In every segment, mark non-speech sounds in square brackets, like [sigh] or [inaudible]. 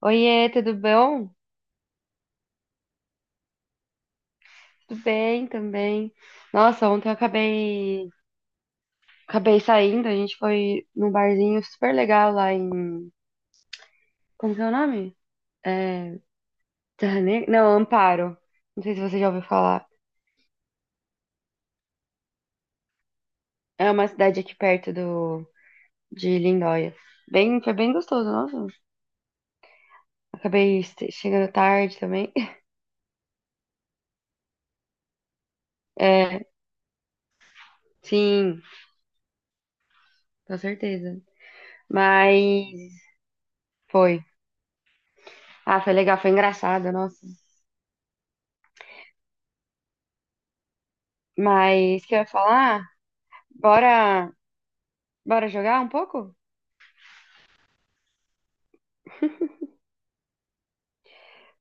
Oiê, tudo bom? Tudo bem também. Nossa, ontem eu acabei saindo, a gente foi num barzinho super legal lá em, como que é o nome? É, Terra Negra? Não, Amparo. Não sei se você já ouviu falar. É uma cidade aqui perto do, de Lindóia. Bem, foi bem gostoso, nossa. Acabei chegando tarde também. [laughs] É, sim, com certeza. Mas foi. Ah, foi legal, foi engraçado, nossa. Mas o que eu ia falar? Bora Bora jogar um pouco?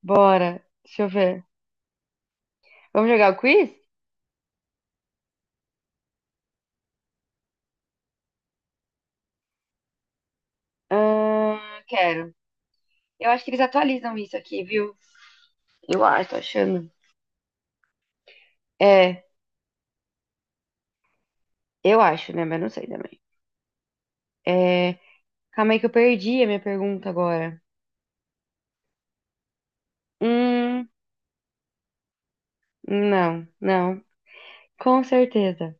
Bora. Deixa eu ver. Vamos jogar o quiz? Ah, quero. Eu acho que eles atualizam isso aqui, viu? Eu acho, tô achando. É, eu acho, né? Mas não sei também. É, calma aí que eu perdi a minha pergunta agora. Hum, não, não. Com certeza.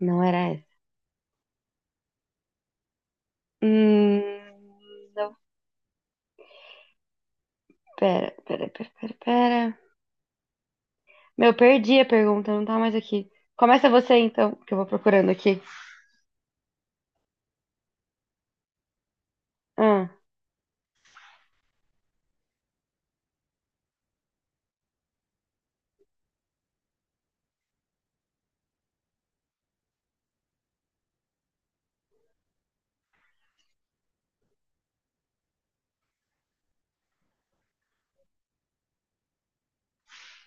Não era essa. Hum, não, pera, pera, pera, pera, pera. Meu, perdi a pergunta, não tá mais aqui. Começa você então, que eu vou procurando aqui. Ah,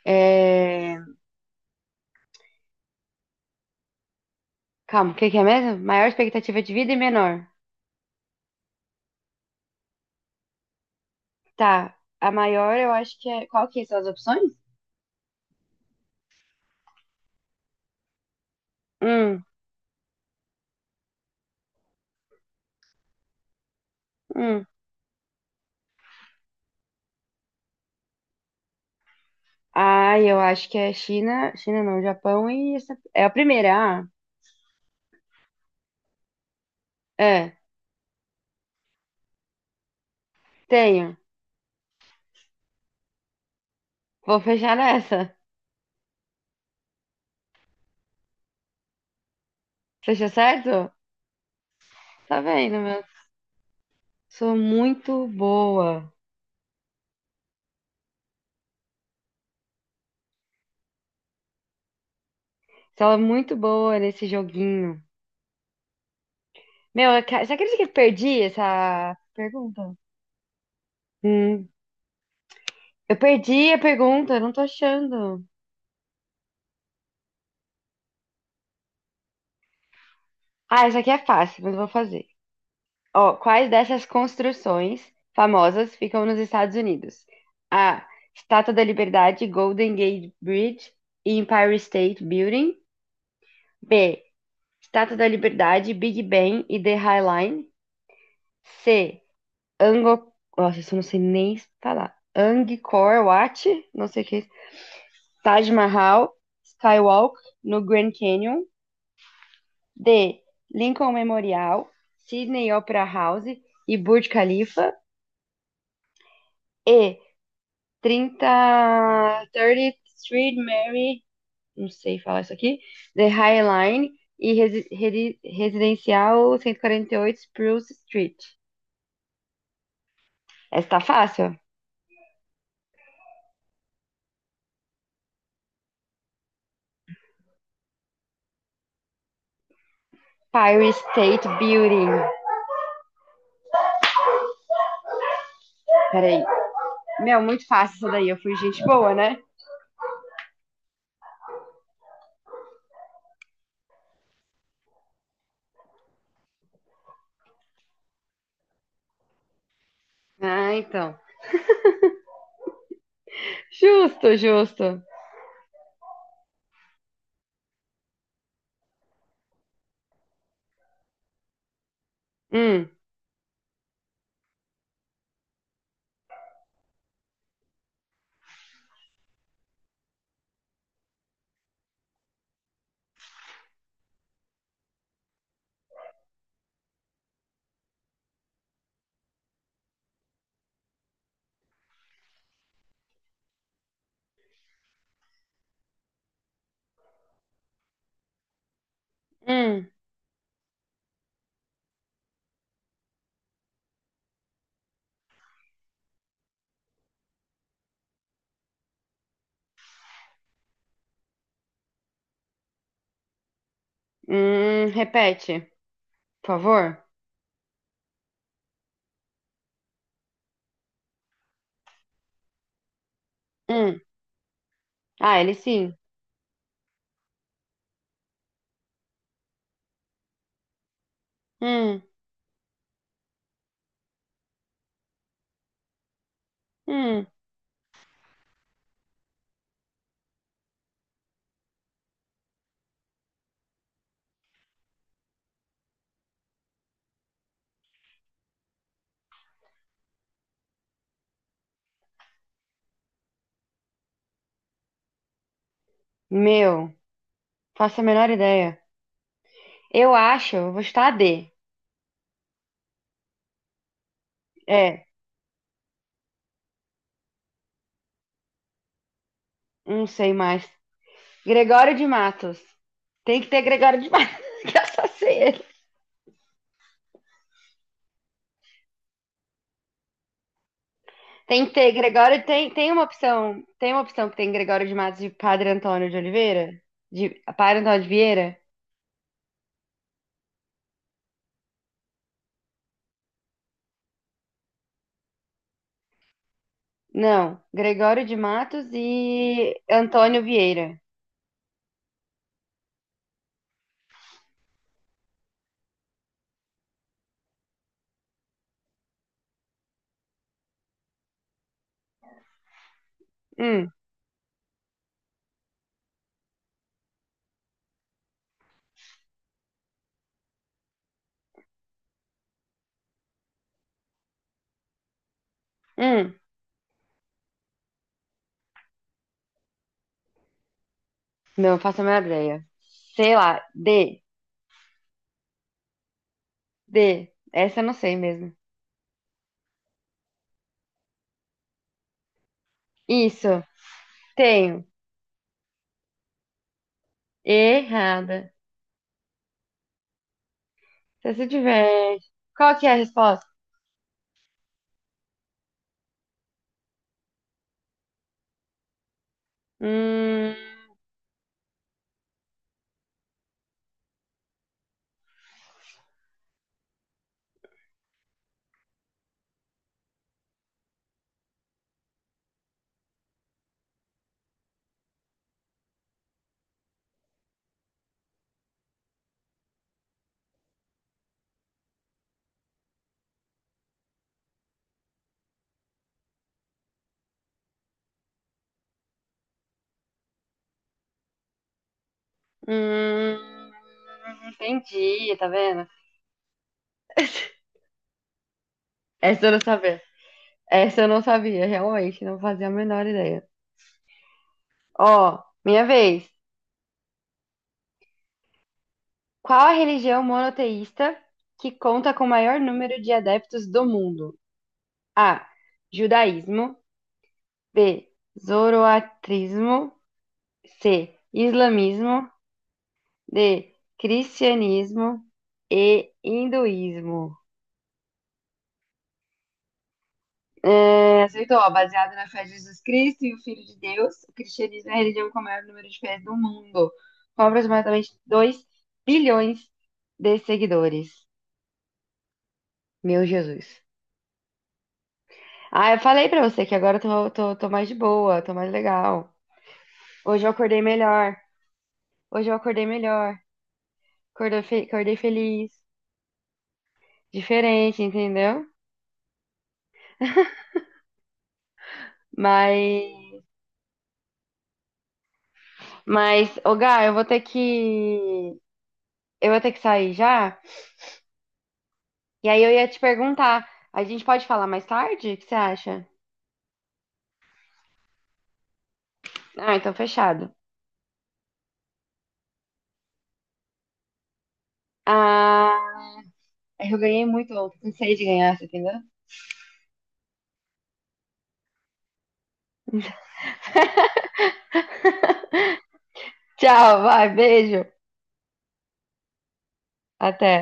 é. Calma, o que que é mesmo? Maior expectativa de vida e menor. Tá. A maior eu acho que é. Qual que são as opções? Hum, hum. Ah, eu acho que é China. China não, Japão e essa. É a primeira. Ah, é. Tenho. Vou fechar nessa. Fechou certo? Tá vendo, meu? Sou muito boa. Sou muito boa nesse joguinho. Meu, você acredita que eu perdi essa pergunta? Hum. Eu perdi a pergunta, eu não tô achando. Ah, essa aqui é fácil, mas eu vou fazer. Ó, quais dessas construções famosas ficam nos Estados Unidos? A. Estátua da Liberdade, Golden Gate Bridge e Empire State Building. B. Estátua da Liberdade, Big Ben e The High Line. C. Angkor... Nossa, isso eu não sei nem falar. Angkor Wat, não sei o que é isso. Taj Mahal, Skywalk no Grand Canyon. D. Lincoln Memorial, Sydney Opera House e Burj Khalifa. E. 30 30 Street Mary, não sei falar isso aqui, The High Line e Residencial 148 Spruce Street. Essa tá fácil? Fire State Building. Peraí. Meu, muito fácil isso daí. Eu fui gente boa, né? Ah, então. Justo, justo. Hum, hum, Repete, por favor. Hum. Ah, ele sim. Hum, hum. Meu, faço a menor ideia. Eu acho, eu vou chutar a D. É, não sei mais. Gregório de Matos. Tem que ter Gregório de Matos. [laughs] que eu só sei ele. Tem que ter Gregório. Tem uma opção. Tem uma opção que tem Gregório de Matos de Padre Antônio de Oliveira? De Padre Antônio de Vieira? Não. Gregório de Matos e Antônio Vieira. Hum, hum. Não, eu faço a menor ideia. Sei lá. D. D. Essa eu não sei mesmo. Isso. Tenho. Errada. Você se diverte. Qual que é a resposta? Hum. Hum, Entendi, tá vendo? [laughs] Essa eu não sabia. Essa eu não sabia, realmente, não fazia a menor ideia. Ó, minha vez. Qual a religião monoteísta que conta com o maior número de adeptos do mundo? A. Judaísmo. B. Zoroatrismo. C. Islamismo. D. Cristianismo. E. Hinduísmo. É, aceitou, ó, baseado na fé de Jesus Cristo e o Filho de Deus, o cristianismo é a religião com o maior número de fiéis do mundo, com aproximadamente 2 bilhões de seguidores. Meu Jesus. Ah, eu falei pra você que agora eu tô mais de boa, tô mais legal. Hoje eu acordei melhor, hoje eu acordei melhor, acordei feliz, diferente, entendeu? Mas, mas, ô Gá, eu vou ter que sair já. E aí eu ia te perguntar, a gente pode falar mais tarde? O que você acha? Ah, então fechado. Ah, eu ganhei muito ontem, cansei de ganhar, você entendeu? [laughs] Tchau, vai, beijo. Até.